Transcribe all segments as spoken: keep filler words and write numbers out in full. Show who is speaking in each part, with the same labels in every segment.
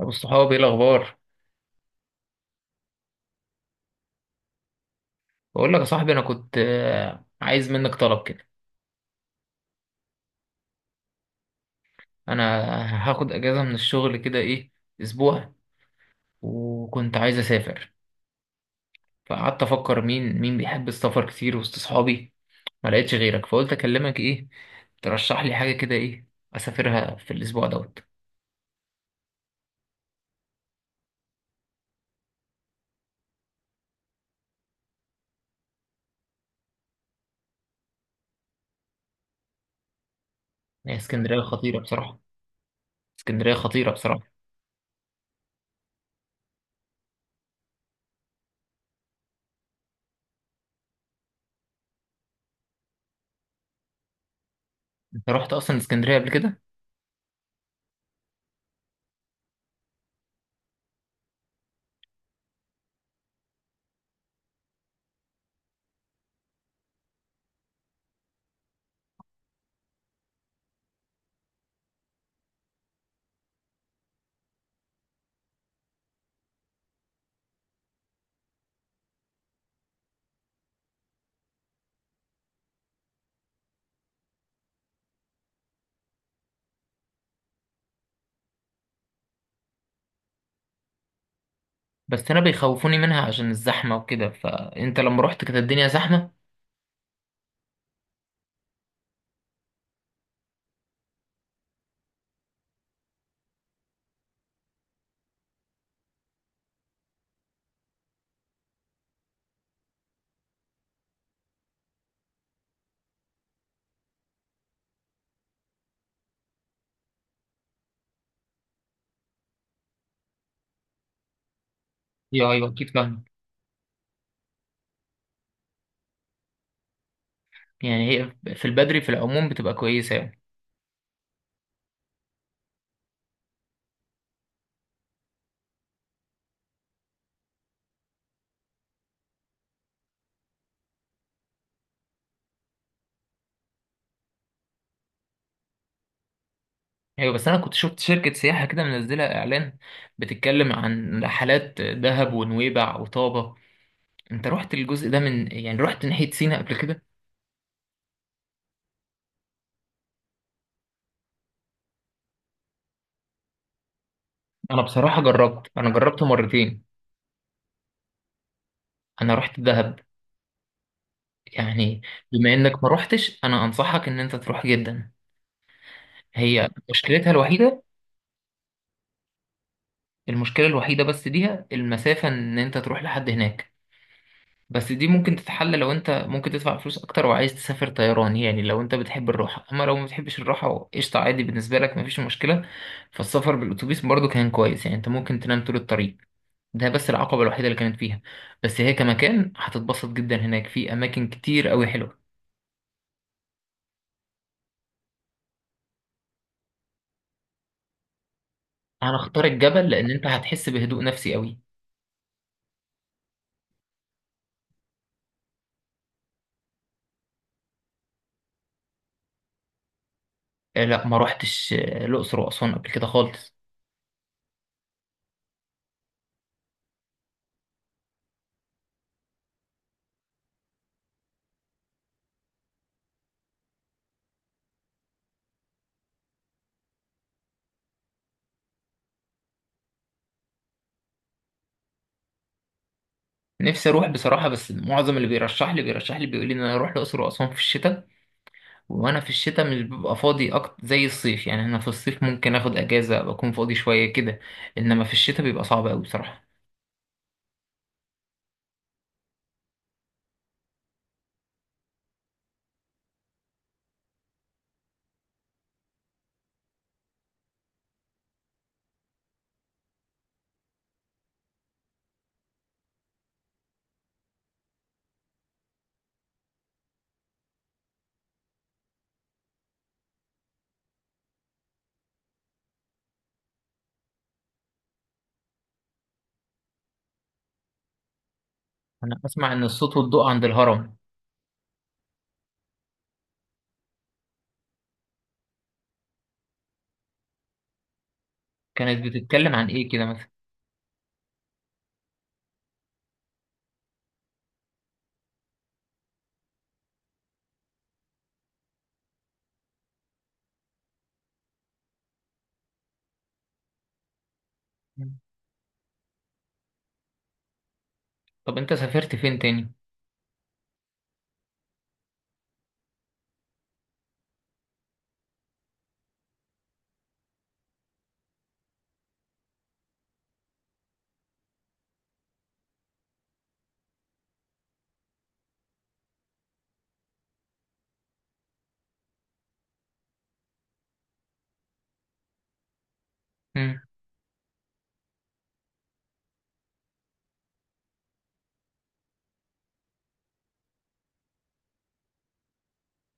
Speaker 1: ابو الصحاب، ايه الاخبار؟ بقول لك يا صاحبي، انا كنت آه، عايز منك طلب كده. انا هاخد اجازه من الشغل كده ايه، اسبوع. وكنت عايز اسافر. فقعدت افكر مين مين بيحب السفر كتير وسط اصحابي، ما لقيتش غيرك. فقلت اكلمك، ايه ترشح لي حاجه كده، ايه اسافرها في الاسبوع دوت. هي اسكندريه خطيره بصراحه. اسكندريه خطيره بصراحه. انت رحت اصلا اسكندريه قبل كده؟ بس انا بيخوفوني منها عشان الزحمه وكده، فانت لما رحت كانت الدنيا زحمه؟ يا ايوه، اكيد فاهم. يعني هي في البدري في العموم بتبقى كويسة يعني. ايوه، بس انا كنت شفت شركة سياحة كده منزلة اعلان بتتكلم عن رحلات دهب ونويبع وطابة. انت رحت الجزء ده، من يعني رحت ناحية سينا قبل كده؟ انا بصراحة جربت، انا جربت مرتين. انا رحت دهب يعني. بما انك ما رحتش، انا انصحك ان انت تروح جدا. هي مشكلتها الوحيدة، المشكلة الوحيدة بس ليها المسافة ان انت تروح لحد هناك. بس دي ممكن تتحل لو انت ممكن تدفع فلوس اكتر وعايز تسافر طيران، يعني لو انت بتحب الراحه. اما لو ما بتحبش الراحه قشطه عادي، بالنسبه لك مفيش مشكله. فالسفر بالاتوبيس برضو كان كويس، يعني انت ممكن تنام طول الطريق. ده بس العقبه الوحيده اللي كانت فيها. بس هي كمكان هتتبسط جدا، هناك في اماكن كتير قوي حلوه. انا اختار الجبل لان انت هتحس بهدوء نفسي قوي. آه، لا، ما روحتش آه، الاقصر واسوان قبل كده خالص. نفسي اروح بصراحه، بس معظم اللي بيرشح لي بيرشح لي بيقول لي ان انا اروح الاقصر واسوان في الشتاء. وانا في الشتاء مش ببقى فاضي اكتر زي الصيف، يعني انا في الصيف ممكن اخد اجازه، بكون فاضي شويه كده. انما في الشتاء بيبقى صعب قوي بصراحه. انا اسمع ان الصوت والضوء عند الهرم. كانت بتتكلم عن ايه كده مثلا؟ مم. طب انت سافرت فين تاني؟ مم.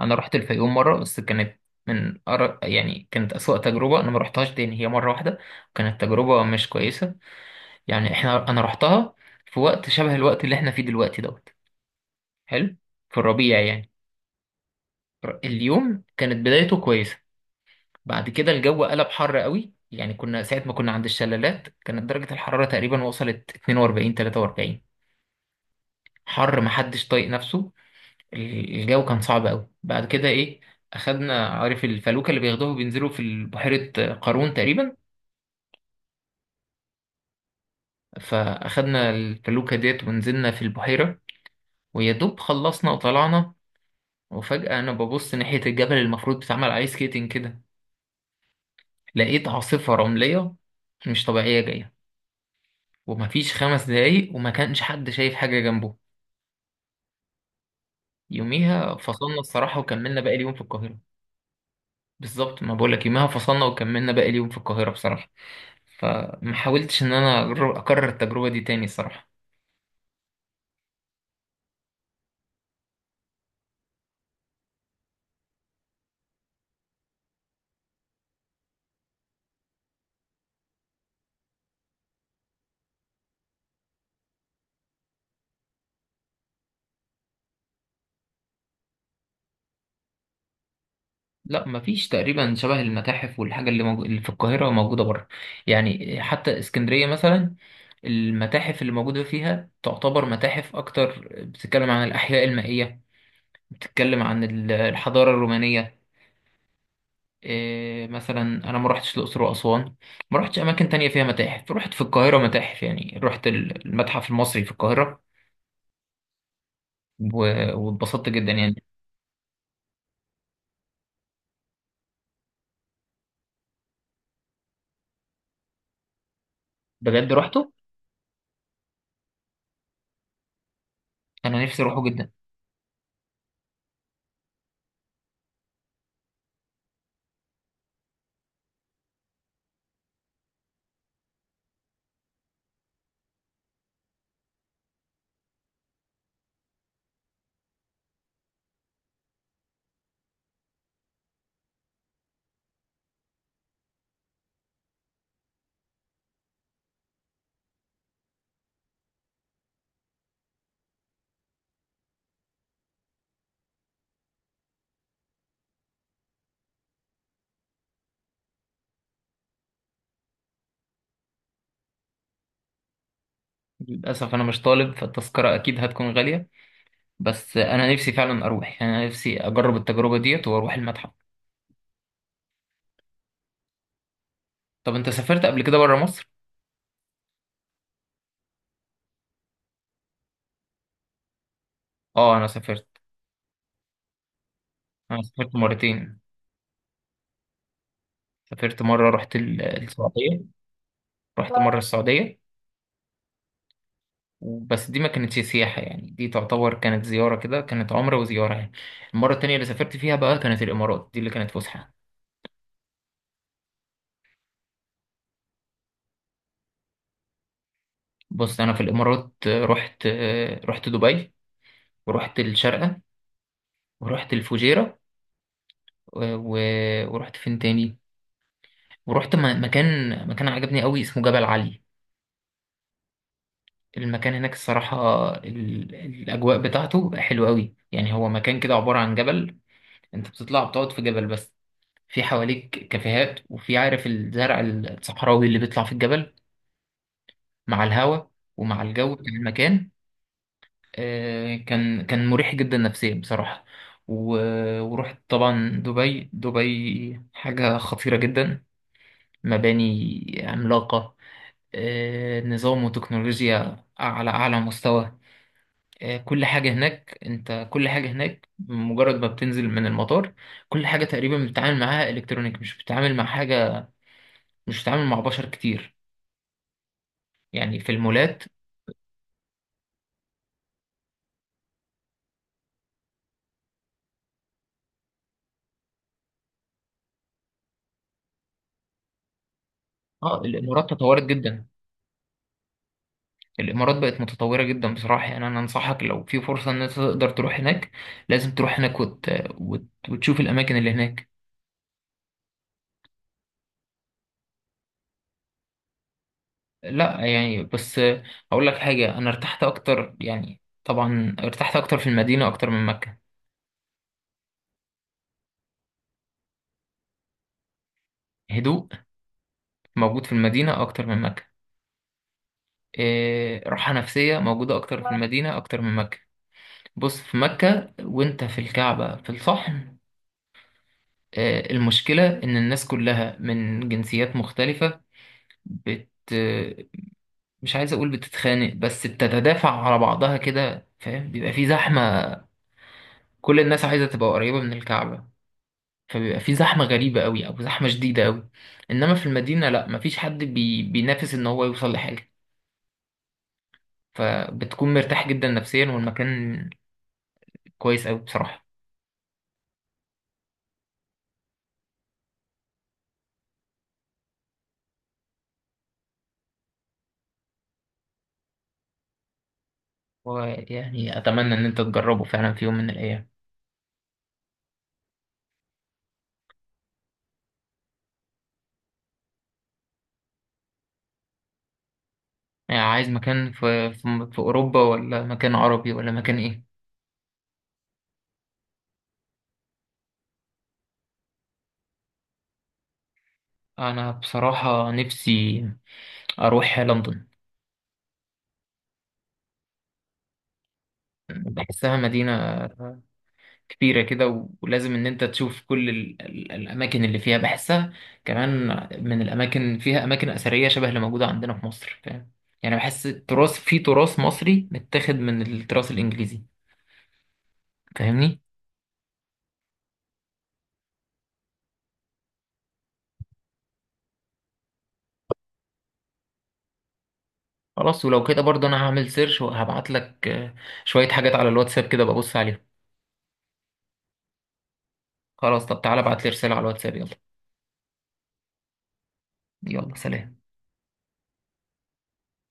Speaker 1: انا رحت الفيوم مره، بس كانت من أر... يعني كانت اسوأ تجربه، انا ما رحتهاش تاني، هي مره واحده. كانت تجربه مش كويسه. يعني احنا انا رحتها في وقت شبه الوقت اللي احنا فيه دلوقتي دوت. حلو، في الربيع يعني. اليوم كانت بدايته كويسه، بعد كده الجو قلب حر قوي. يعني كنا ساعة ما كنا عند الشلالات كانت درجة الحرارة تقريبا وصلت اتنين واربعين تلاتة واربعين. حر محدش طايق نفسه. ال- الجو كان صعب قوي. بعد كده ايه، اخدنا عارف الفلوكة اللي بياخدوها بينزلوا في بحيرة قارون تقريبا. فاخدنا الفلوكة ديت ونزلنا في البحيرة. ويا دوب خلصنا وطلعنا. وفجأة انا ببص ناحية الجبل المفروض بيتعمل عليه سكيتنج كده، لقيت عاصفة رملية مش طبيعية جاية. ومفيش خمس دقايق وما كانش حد شايف حاجة جنبه. يوميها فصلنا الصراحة وكملنا باقي اليوم في القاهرة. بالظبط ما بقولك، يوميها فصلنا وكملنا باقي اليوم في القاهرة بصراحة. فما حاولتش إن أنا أجر- أكرر التجربة دي تاني الصراحة. لا، مفيش تقريبا شبه المتاحف والحاجة اللي, موجو... اللي في القاهرة موجودة بره. يعني حتى اسكندرية مثلا، المتاحف اللي موجودة فيها تعتبر متاحف أكتر بتتكلم عن الأحياء المائية، بتتكلم عن ال- الحضارة الرومانية. إيه مثلا انا ما رحتش الاقصر واسوان، ما رحتش اماكن تانية فيها متاحف. رحت في القاهره متاحف، يعني رحت ال- المتحف المصري في القاهره، و- واتبسطت جدا يعني. بجد رحته، انا نفسي اروحه جدا. للاسف انا مش طالب، فالتذكره اكيد هتكون غاليه. بس انا نفسي فعلا اروح، يعني انا نفسي اجرب التجربه ديت واروح المتحف. طب انت سافرت قبل كده بره مصر؟ اه انا سافرت. انا سافرت مرتين. سافرت مره رحت ال- السعوديه. رحت مره السعوديه. بس دي ما كانتش سياحة، يعني دي تعتبر كانت زيارة كده، كانت عمرة وزيارة يعني. المرة التانية اللي سافرت فيها بقى كانت الإمارات، دي اللي كانت فسحة. بص أنا في الإمارات، آه، رحت آه، رحت دبي، ورحت الشارقة، ورحت الفجيرة. و- و- ورحت فين تاني؟ ورحت م- مكان مكان عجبني قوي اسمه جبل علي. المكان هناك الصراحة، ال- الأجواء بتاعته حلوة قوي، يعني هو مكان كده عبارة عن جبل. أنت بتطلع بتقعد في جبل بس، في حواليك كافيهات وفي عارف الزرع الصحراوي اللي بيطلع في الجبل مع الهواء ومع الجو بتاع المكان. آه، كان كان مريح جدا نفسيا بصراحة. و- ورحت طبعا دبي. دبي حاجة خطيرة جدا، مباني عملاقة. آه، نظام وتكنولوجيا على أعلى مستوى. آه، كل حاجة هناك، انت كل حاجة هناك مجرد ما بتنزل من المطار كل حاجة تقريبا بتتعامل معاها الكترونيك، مش بتتعامل مع حاجة، مش بتتعامل مع بشر كتير، يعني في المولات. اه الامارات تطورت جدا، الامارات بقت متطوره جدا بصراحه. يعني انا انصحك لو في فرصه ان انت تقدر تروح هناك، لازم تروح هناك وت... وت... وتشوف الاماكن اللي هناك. لا يعني بس، اقول لك حاجه، انا ارتحت اكتر، يعني طبعا ارتحت اكتر في المدينه اكتر من مكه. هدوء موجود في المدينه اكتر من مكه، إيه راحه نفسيه موجوده اكتر في المدينه اكتر من مكه. بص في مكه، وانت في الكعبه في الصحن، آه، المشكلة إن الناس كلها من جنسيات مختلفة، بت مش عايز أقول بتتخانق، بس بتتدافع على بعضها كده، فاهم؟ بيبقى في زحمة، كل الناس عايزة تبقى قريبة من الكعبة، فبيبقى في زحمة غريبة أوي أو زحمة شديدة أوي. إنما في المدينة لأ، مفيش حد بي... بينافس إن هو يوصل لحاجة. فبتكون مرتاح جدا نفسيا، والمكان كويس أوي بصراحة. ويعني أتمنى إن أنت تجربه فعلا في يوم من الأيام. يعني عايز مكان في في في أوروبا، ولا مكان عربي، ولا مكان إيه؟ أنا بصراحة نفسي أروح لندن. بحسها مدينة كبيرة كده، و- ولازم إن أنت تشوف كل ال ال الأماكن اللي فيها. بحسها كمان من الأماكن فيها أماكن أثرية شبه اللي موجودة عندنا في مصر، فاهم؟ يعني بحس التراث، في تراث مصري متاخد من التراث الإنجليزي، فاهمني؟ خلاص، ولو كده برضه أنا هعمل سيرش وهبعت لك آه، شوية حاجات على الواتساب، كده ببص عليهم. خلاص، طب تعالى ابعت لي رسالة على الواتساب يلا. يلا سلام.